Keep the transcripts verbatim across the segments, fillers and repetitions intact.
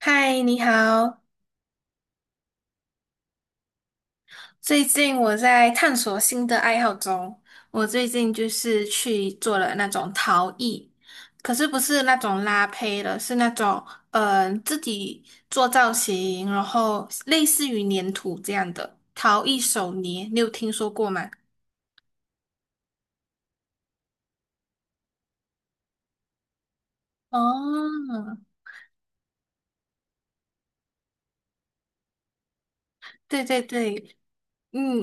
嗨，你好。最近我在探索新的爱好中，我最近就是去做了那种陶艺，可是不是那种拉胚的，是那种嗯、呃自己做造型，然后类似于粘土这样的陶艺手捏，你有听说过吗？哦，对对对，嗯，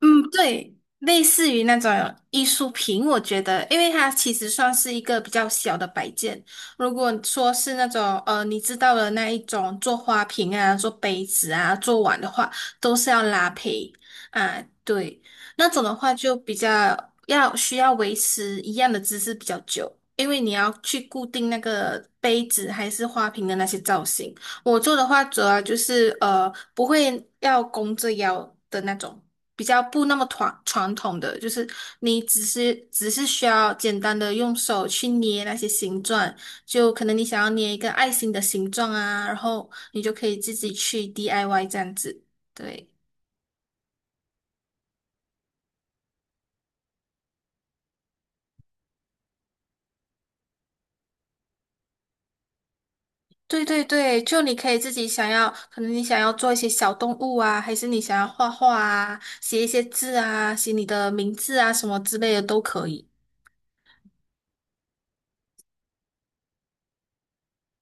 嗯，对，类似于那种艺术品，我觉得，因为它其实算是一个比较小的摆件。如果说是那种呃，你知道的那一种做花瓶啊、做杯子啊、做碗的话，都是要拉胚啊，对，那种的话就比较要需要维持一样的姿势比较久，因为你要去固定那个杯子还是花瓶的那些造型。我做的话，主要就是呃，不会要弓着腰的那种，比较不那么传传统的，就是你只是只是需要简单的用手去捏那些形状，就可能你想要捏一个爱心的形状啊，然后你就可以自己去 D I Y 这样子。对，对对对，就你可以自己想要，可能你想要做一些小动物啊，还是你想要画画啊，写一些字啊，写你的名字啊什么之类的都可以。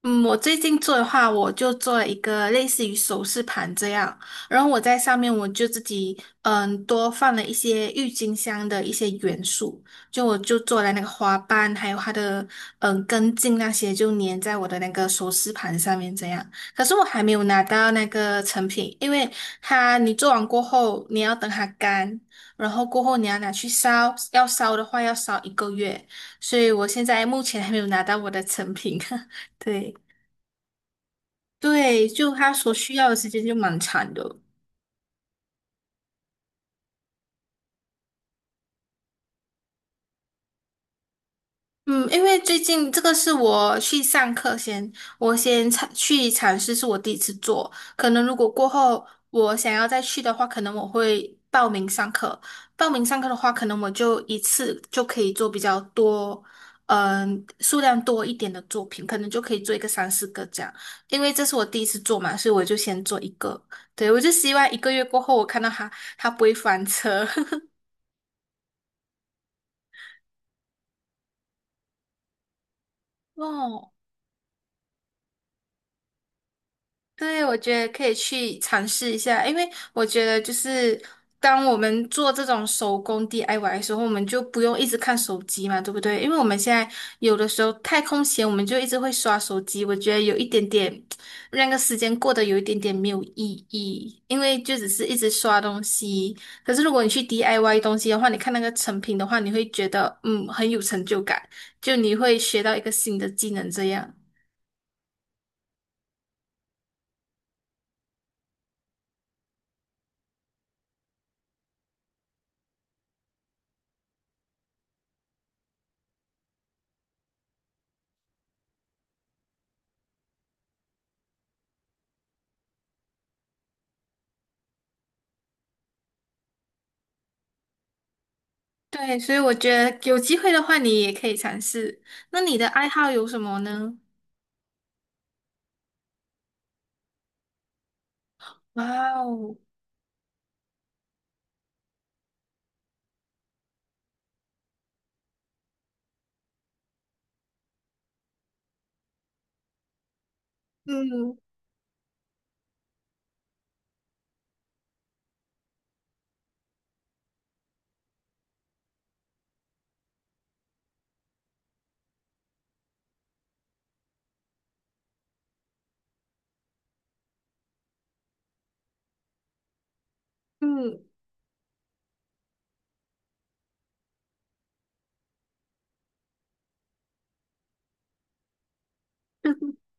嗯，我最近做的话，我就做了一个类似于首饰盘这样，然后我在上面我就自己嗯多放了一些郁金香的一些元素，就我就做了那个花瓣，还有它的嗯根茎那些，就粘在我的那个首饰盘上面这样。可是我还没有拿到那个成品，因为它你做完过后，你要等它干，然后过后你要拿去烧，要烧的话要烧一个月，所以我现在目前还没有拿到我的成品。对。对，就他所需要的时间就蛮长的。嗯，因为最近这个是我去上课先，我先尝去尝试，是我第一次做。可能如果过后我想要再去的话，可能我会报名上课。报名上课的话，可能我就一次就可以做比较多，嗯、数量多一点的作品，可能就可以做一个三四个这样。因为这是我第一次做嘛，所以我就先做一个。对，我就希望一个月过后，我看到它它不会翻车。哦。对，我觉得可以去尝试一下，因为我觉得就是当我们做这种手工 D I Y 的时候，我们就不用一直看手机嘛，对不对？因为我们现在有的时候太空闲，我们就一直会刷手机，我觉得有一点点那个时间过得有一点点没有意义，因为就只是一直刷东西。可是如果你去 D I Y 东西的话，你看那个成品的话，你会觉得嗯很有成就感，就你会学到一个新的技能这样。对，所以我觉得有机会的话，你也可以尝试。那你的爱好有什么呢？哇哦，嗯嗯嗯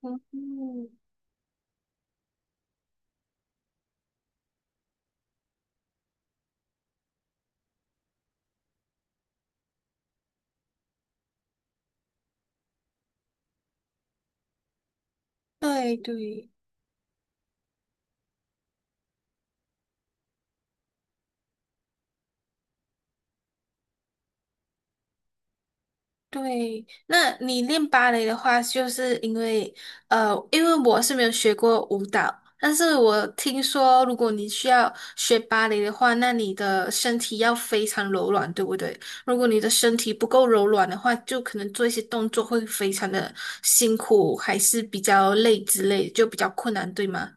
嗯，对对。对，那你练芭蕾的话，就是因为呃，因为我是没有学过舞蹈，但是我听说，如果你需要学芭蕾的话，那你的身体要非常柔软，对不对？如果你的身体不够柔软的话，就可能做一些动作会非常的辛苦，还是比较累之类，就比较困难，对吗？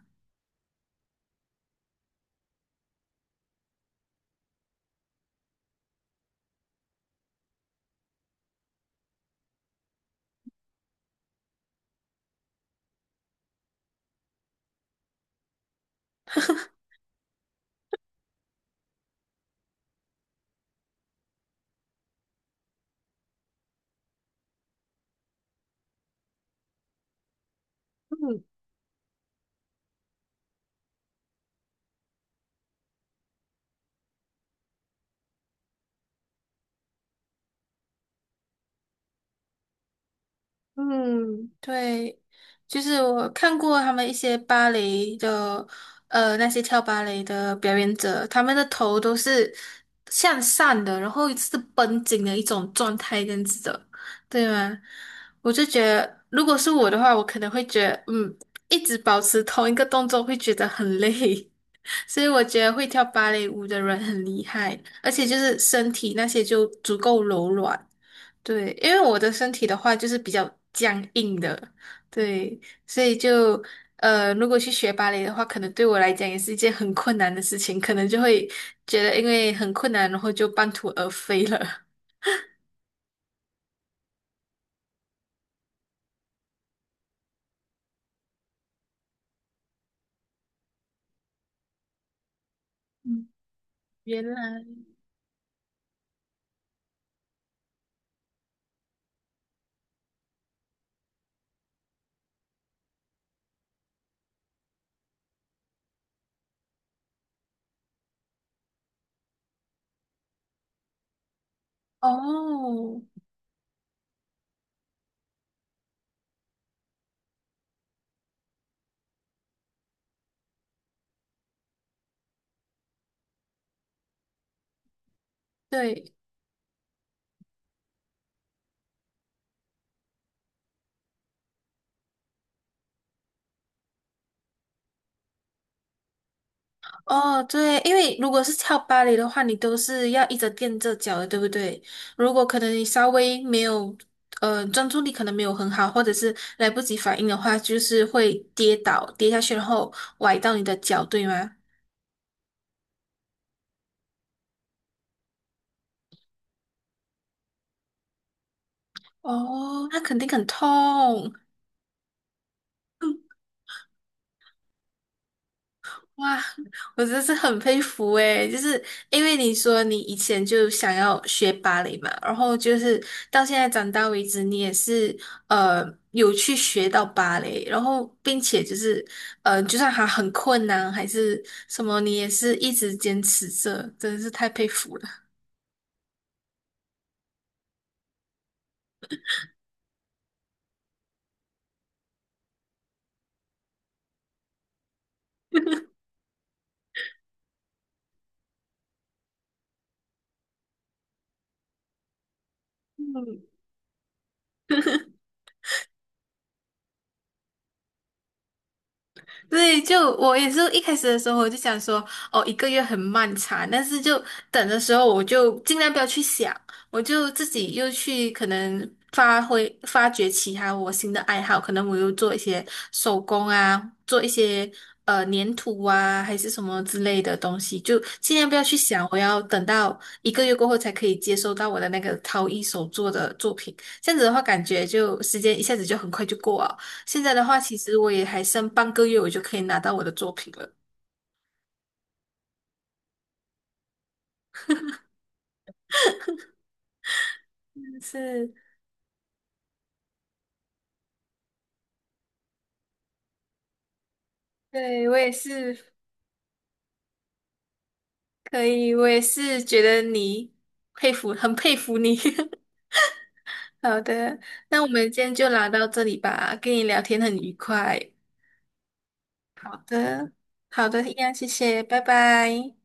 嗯，对，就是我看过他们一些芭蕾的，呃，那些跳芭蕾的表演者，他们的头都是向上的，然后是绷紧的一种状态，这样子的，对吗？我就觉得，如果是我的话，我可能会觉得，嗯，一直保持同一个动作会觉得很累，所以我觉得会跳芭蕾舞的人很厉害，而且就是身体那些就足够柔软。对，因为我的身体的话就是比较僵硬的，对，所以就呃，如果去学芭蕾的话，可能对我来讲也是一件很困难的事情，可能就会觉得因为很困难，然后就半途而废了。嗯，原来哦，对，哦，对，因为如果是跳芭蕾的话，你都是要一直垫着脚的，对不对？如果可能你稍微没有，呃，专注力可能没有很好，或者是来不及反应的话，就是会跌倒，跌下去，然后崴到你的脚，对吗？哦，那肯定很痛。哇，我真是很佩服诶，就是因为你说你以前就想要学芭蕾嘛，然后就是到现在长大为止，你也是呃有去学到芭蕾，然后并且就是呃，就算还很困难还是什么，你也是一直坚持着，真的是太佩服了。嗯对，就我也是一开始的时候，我就想说，哦，一个月很漫长，但是就等的时候，我就尽量不要去想，我就自己又去可能发挥发掘其他我新的爱好，可能我又做一些手工啊，做一些呃粘土啊，还是什么之类的东西，就尽量不要去想，我要等到一个月过后才可以接收到我的那个陶艺手作的作品，这样子的话，感觉就时间一下子就很快就过了。现在的话，其实我也还剩半个月，我就可以拿到我的作品了。是，对，我也是可以，我也是觉得你佩服，很佩服你。好的。那我们今天就聊到这里吧，跟你聊天很愉快。好的，好的，一样，谢谢，拜拜。